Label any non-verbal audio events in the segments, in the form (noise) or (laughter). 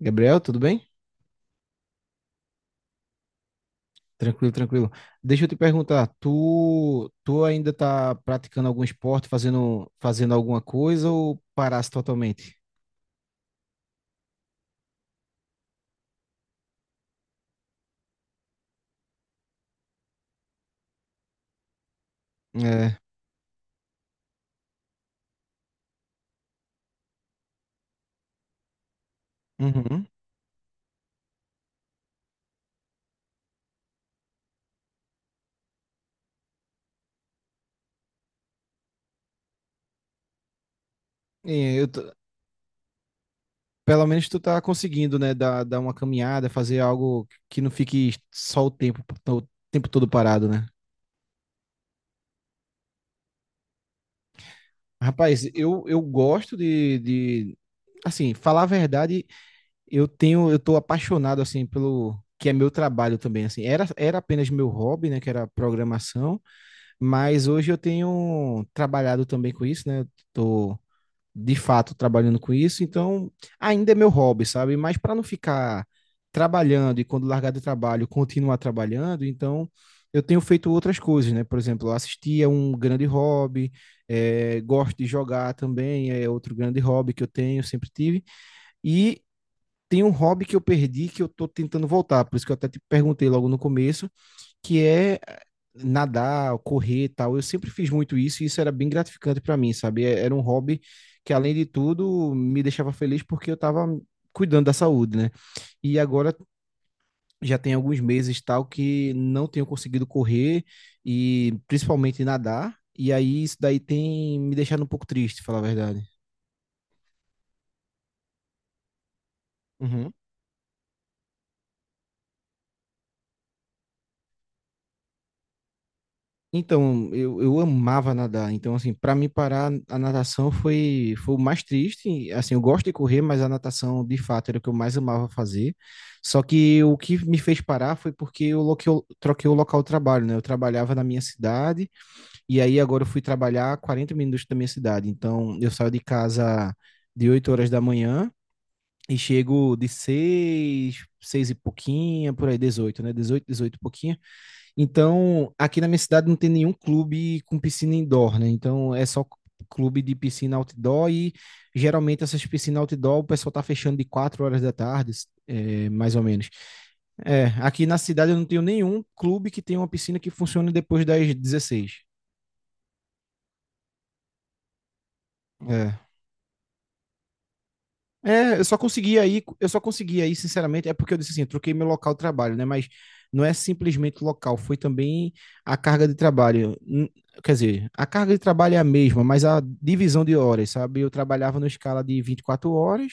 Gabriel, tudo bem? Tranquilo, tranquilo. Deixa eu te perguntar, tu ainda tá praticando algum esporte, fazendo alguma coisa ou paraste totalmente? É. Uhum. E eu tô- Pelo menos tu tá conseguindo, né, dar uma caminhada, fazer algo que não fique só o tempo todo parado, né? Rapaz, eu gosto assim, falar a verdade, eu tô apaixonado assim pelo que é meu trabalho também, assim. Era apenas meu hobby, né, que era programação, mas hoje eu tenho trabalhado também com isso, né? Eu tô de fato trabalhando com isso, então ainda é meu hobby, sabe? Mas para não ficar trabalhando e quando largar do trabalho continuar trabalhando, então eu tenho feito outras coisas, né? Por exemplo, eu assisti a um grande hobby, gosto de jogar também, é outro grande hobby que eu tenho, sempre tive. E tem um hobby que eu perdi que eu tô tentando voltar, por isso que eu até te perguntei logo no começo, que é nadar, correr e tal. Eu sempre fiz muito isso e isso era bem gratificante para mim, sabe? Era um hobby que, além de tudo, me deixava feliz porque eu tava cuidando da saúde, né? E agora já tem alguns meses tal que não tenho conseguido correr e principalmente nadar. E aí isso daí tem me deixado um pouco triste, falar a verdade. Então, eu amava nadar. Então, assim, para mim parar, a natação foi, foi o mais triste. E, assim, eu gosto de correr, mas a natação, de fato, era o que eu mais amava fazer. Só que o que me fez parar foi porque eu troquei o local de trabalho, né? Eu trabalhava na minha cidade e aí agora eu fui trabalhar a 40 minutos da minha cidade. Então, eu saio de casa de 8 horas da manhã e chego de 6 e pouquinha, por aí, 18 né? 18 e pouquinho. Então, aqui na minha cidade não tem nenhum clube com piscina indoor, né? Então, é só clube de piscina outdoor e geralmente essas piscinas outdoor o pessoal tá fechando de 4 horas da tarde, é, mais ou menos. É, aqui na cidade eu não tenho nenhum clube que tenha uma piscina que funcione depois das 16. É. É, eu só consegui aí, sinceramente, é porque eu disse assim, eu troquei meu local de trabalho, né? Mas não é simplesmente local, foi também a carga de trabalho. Quer dizer, a carga de trabalho é a mesma, mas a divisão de horas, sabe? Eu trabalhava numa escala de 24 horas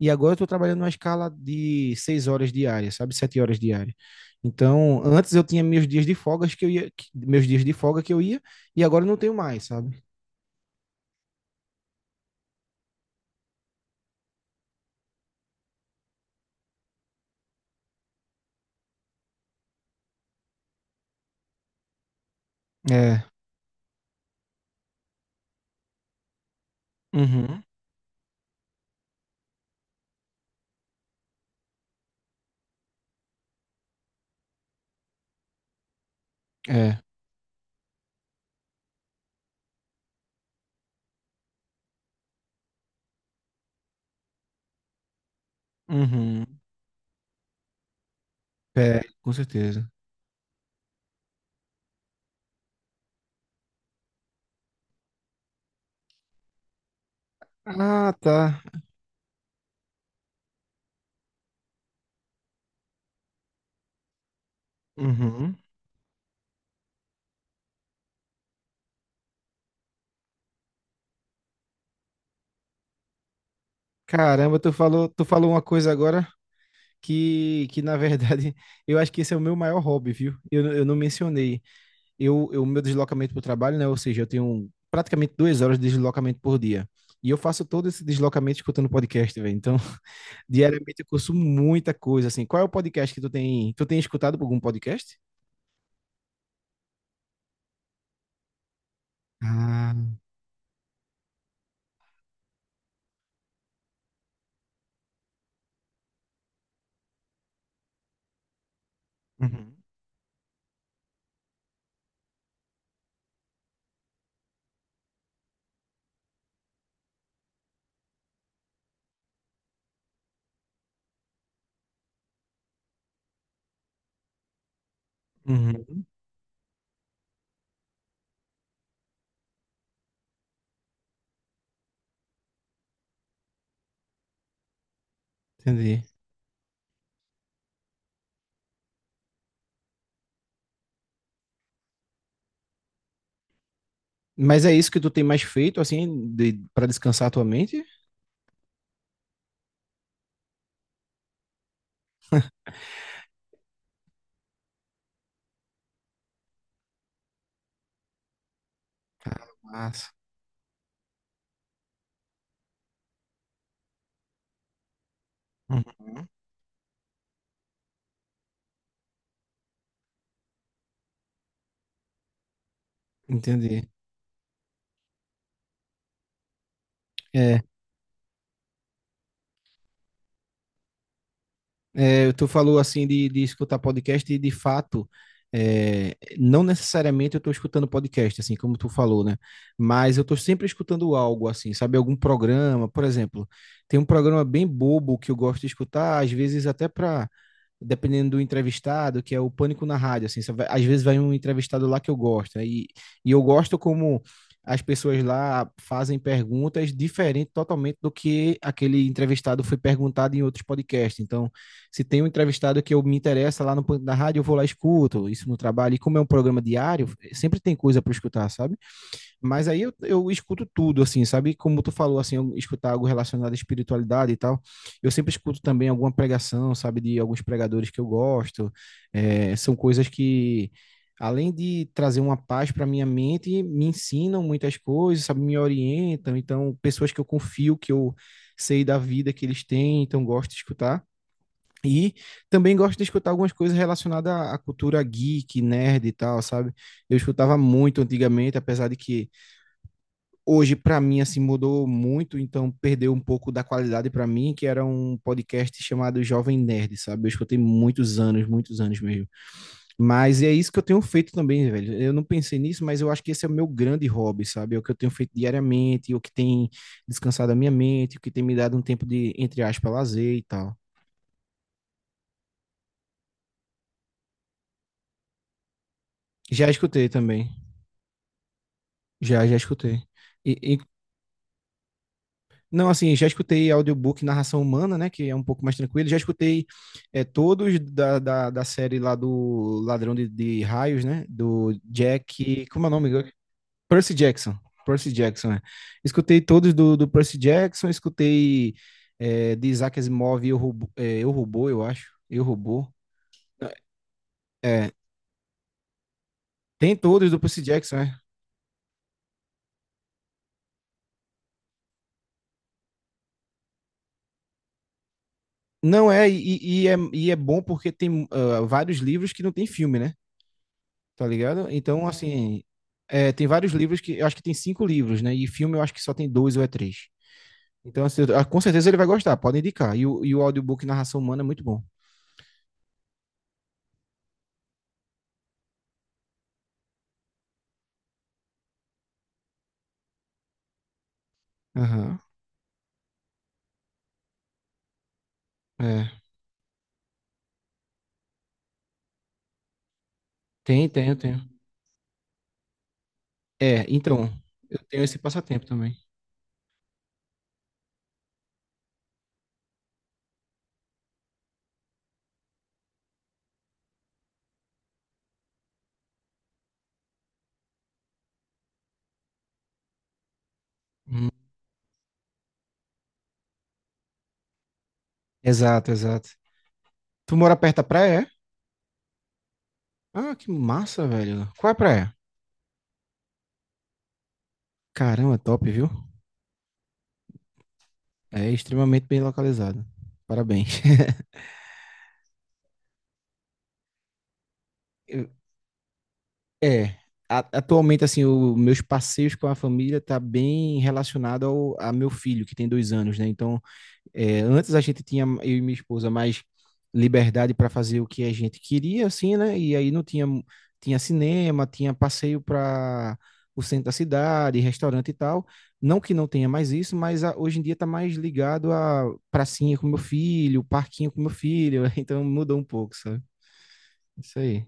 e agora eu tô trabalhando numa escala de 6 horas diárias, sabe? 7 horas diárias. Então, antes eu tinha meus dias de folga que eu ia, que- meus dias de folga que eu ia, e agora eu não tenho mais, sabe? É. Uhum. É. Uhum. É, com certeza. Ah, tá. Uhum. Caramba, tu falou uma coisa agora que na verdade, (laughs) eu acho que esse é o meu maior hobby, viu? Eu não mencionei. Eu meu deslocamento para o trabalho, né? Ou seja, eu tenho praticamente 2 horas de deslocamento por dia. E eu faço todo esse deslocamento escutando podcast, velho. Então, (laughs) diariamente eu consumo muita coisa, assim. Qual é o podcast que tu tem? Tu tem escutado algum podcast? Ah, uhum, uhum, entendi. Mas é isso que tu tem mais feito, assim, de, para descansar a tua mente? Ah, massa. Uhum, entendi. É, é, tu falou assim de escutar podcast e de fato, é, não necessariamente eu estou escutando podcast, assim como tu falou, né? Mas eu estou sempre escutando algo assim, sabe? Algum programa, por exemplo, tem um programa bem bobo que eu gosto de escutar, às vezes até para dependendo do entrevistado, que é o pânico na rádio, assim, vai, às vezes vai um entrevistado lá que eu gosto, né? E, e eu gosto como as pessoas lá fazem perguntas diferentes totalmente do que aquele entrevistado foi perguntado em outros podcasts. Então, se tem um entrevistado que eu me interessa lá no Pânico da Rádio, eu vou lá e escuto isso no trabalho. E como é um programa diário, sempre tem coisa para escutar, sabe? Mas aí eu escuto tudo, assim, sabe? Como tu falou, assim, eu escutar algo relacionado à espiritualidade e tal. Eu sempre escuto também alguma pregação, sabe? De alguns pregadores que eu gosto. É, são coisas que, além de trazer uma paz para minha mente, me ensinam muitas coisas, sabe? Me orientam. Então, pessoas que eu confio, que eu sei da vida que eles têm, então gosto de escutar. E também gosto de escutar algumas coisas relacionadas à cultura geek, nerd e tal, sabe? Eu escutava muito antigamente, apesar de que hoje para mim assim mudou muito, então perdeu um pouco da qualidade para mim, que era um podcast chamado Jovem Nerd, sabe? Eu escutei muitos anos mesmo. Mas é isso que eu tenho feito também, velho. Eu não pensei nisso, mas eu acho que esse é o meu grande hobby, sabe? É o que eu tenho feito diariamente, o que tem descansado a minha mente, o que tem me dado um tempo de, entre aspas, lazer e tal. Já escutei também. Já escutei. E, não, assim, já escutei audiobook Narração Humana, né? Que é um pouco mais tranquilo. Já escutei é, todos da série lá do Ladrão de Raios, né? Do Jack. Como é o nome? Percy Jackson. Percy Jackson, né? Escutei todos do Percy Jackson, escutei é, de Isaac Asimov, Eu Robô, é, Eu Robô, eu acho. Eu Robô. É, tem todos do Percy Jackson, né? Não é, e é bom porque tem vários livros que não tem filme, né? Tá ligado? Então, assim, é, tem vários livros que eu acho que tem cinco livros, né? E filme eu acho que só tem dois ou é três. Então, assim, com certeza ele vai gostar, pode indicar. E o audiobook Narração Humana é muito bom. Aham. É. Tem, tem, eu tenho. É, então, eu tenho esse passatempo também. Hum. Exato, exato. Tu mora perto da praia, é? Ah, que massa, velho. Qual é a praia? Caramba, top, viu? É extremamente bem localizado. Parabéns. (laughs) É, a- atualmente, assim, os meus passeios com a família tá bem relacionado ao a meu filho, que tem 2 anos, né? Então, é, antes a gente tinha, eu e minha esposa, mais liberdade para fazer o que a gente queria, assim, né? E aí não tinha, tinha cinema, tinha passeio para o centro da cidade, restaurante e tal. Não que não tenha mais isso, mas a- hoje em dia tá mais ligado a pracinha com meu filho, parquinho com meu filho, (laughs) então mudou um pouco, sabe? Isso aí.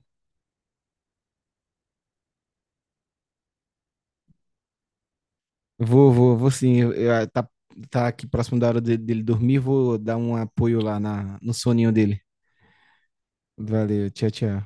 Vou sim. Tá, tá aqui próximo da hora dele dormir, vou dar um apoio lá na, no soninho dele. Valeu, tchau, tchau.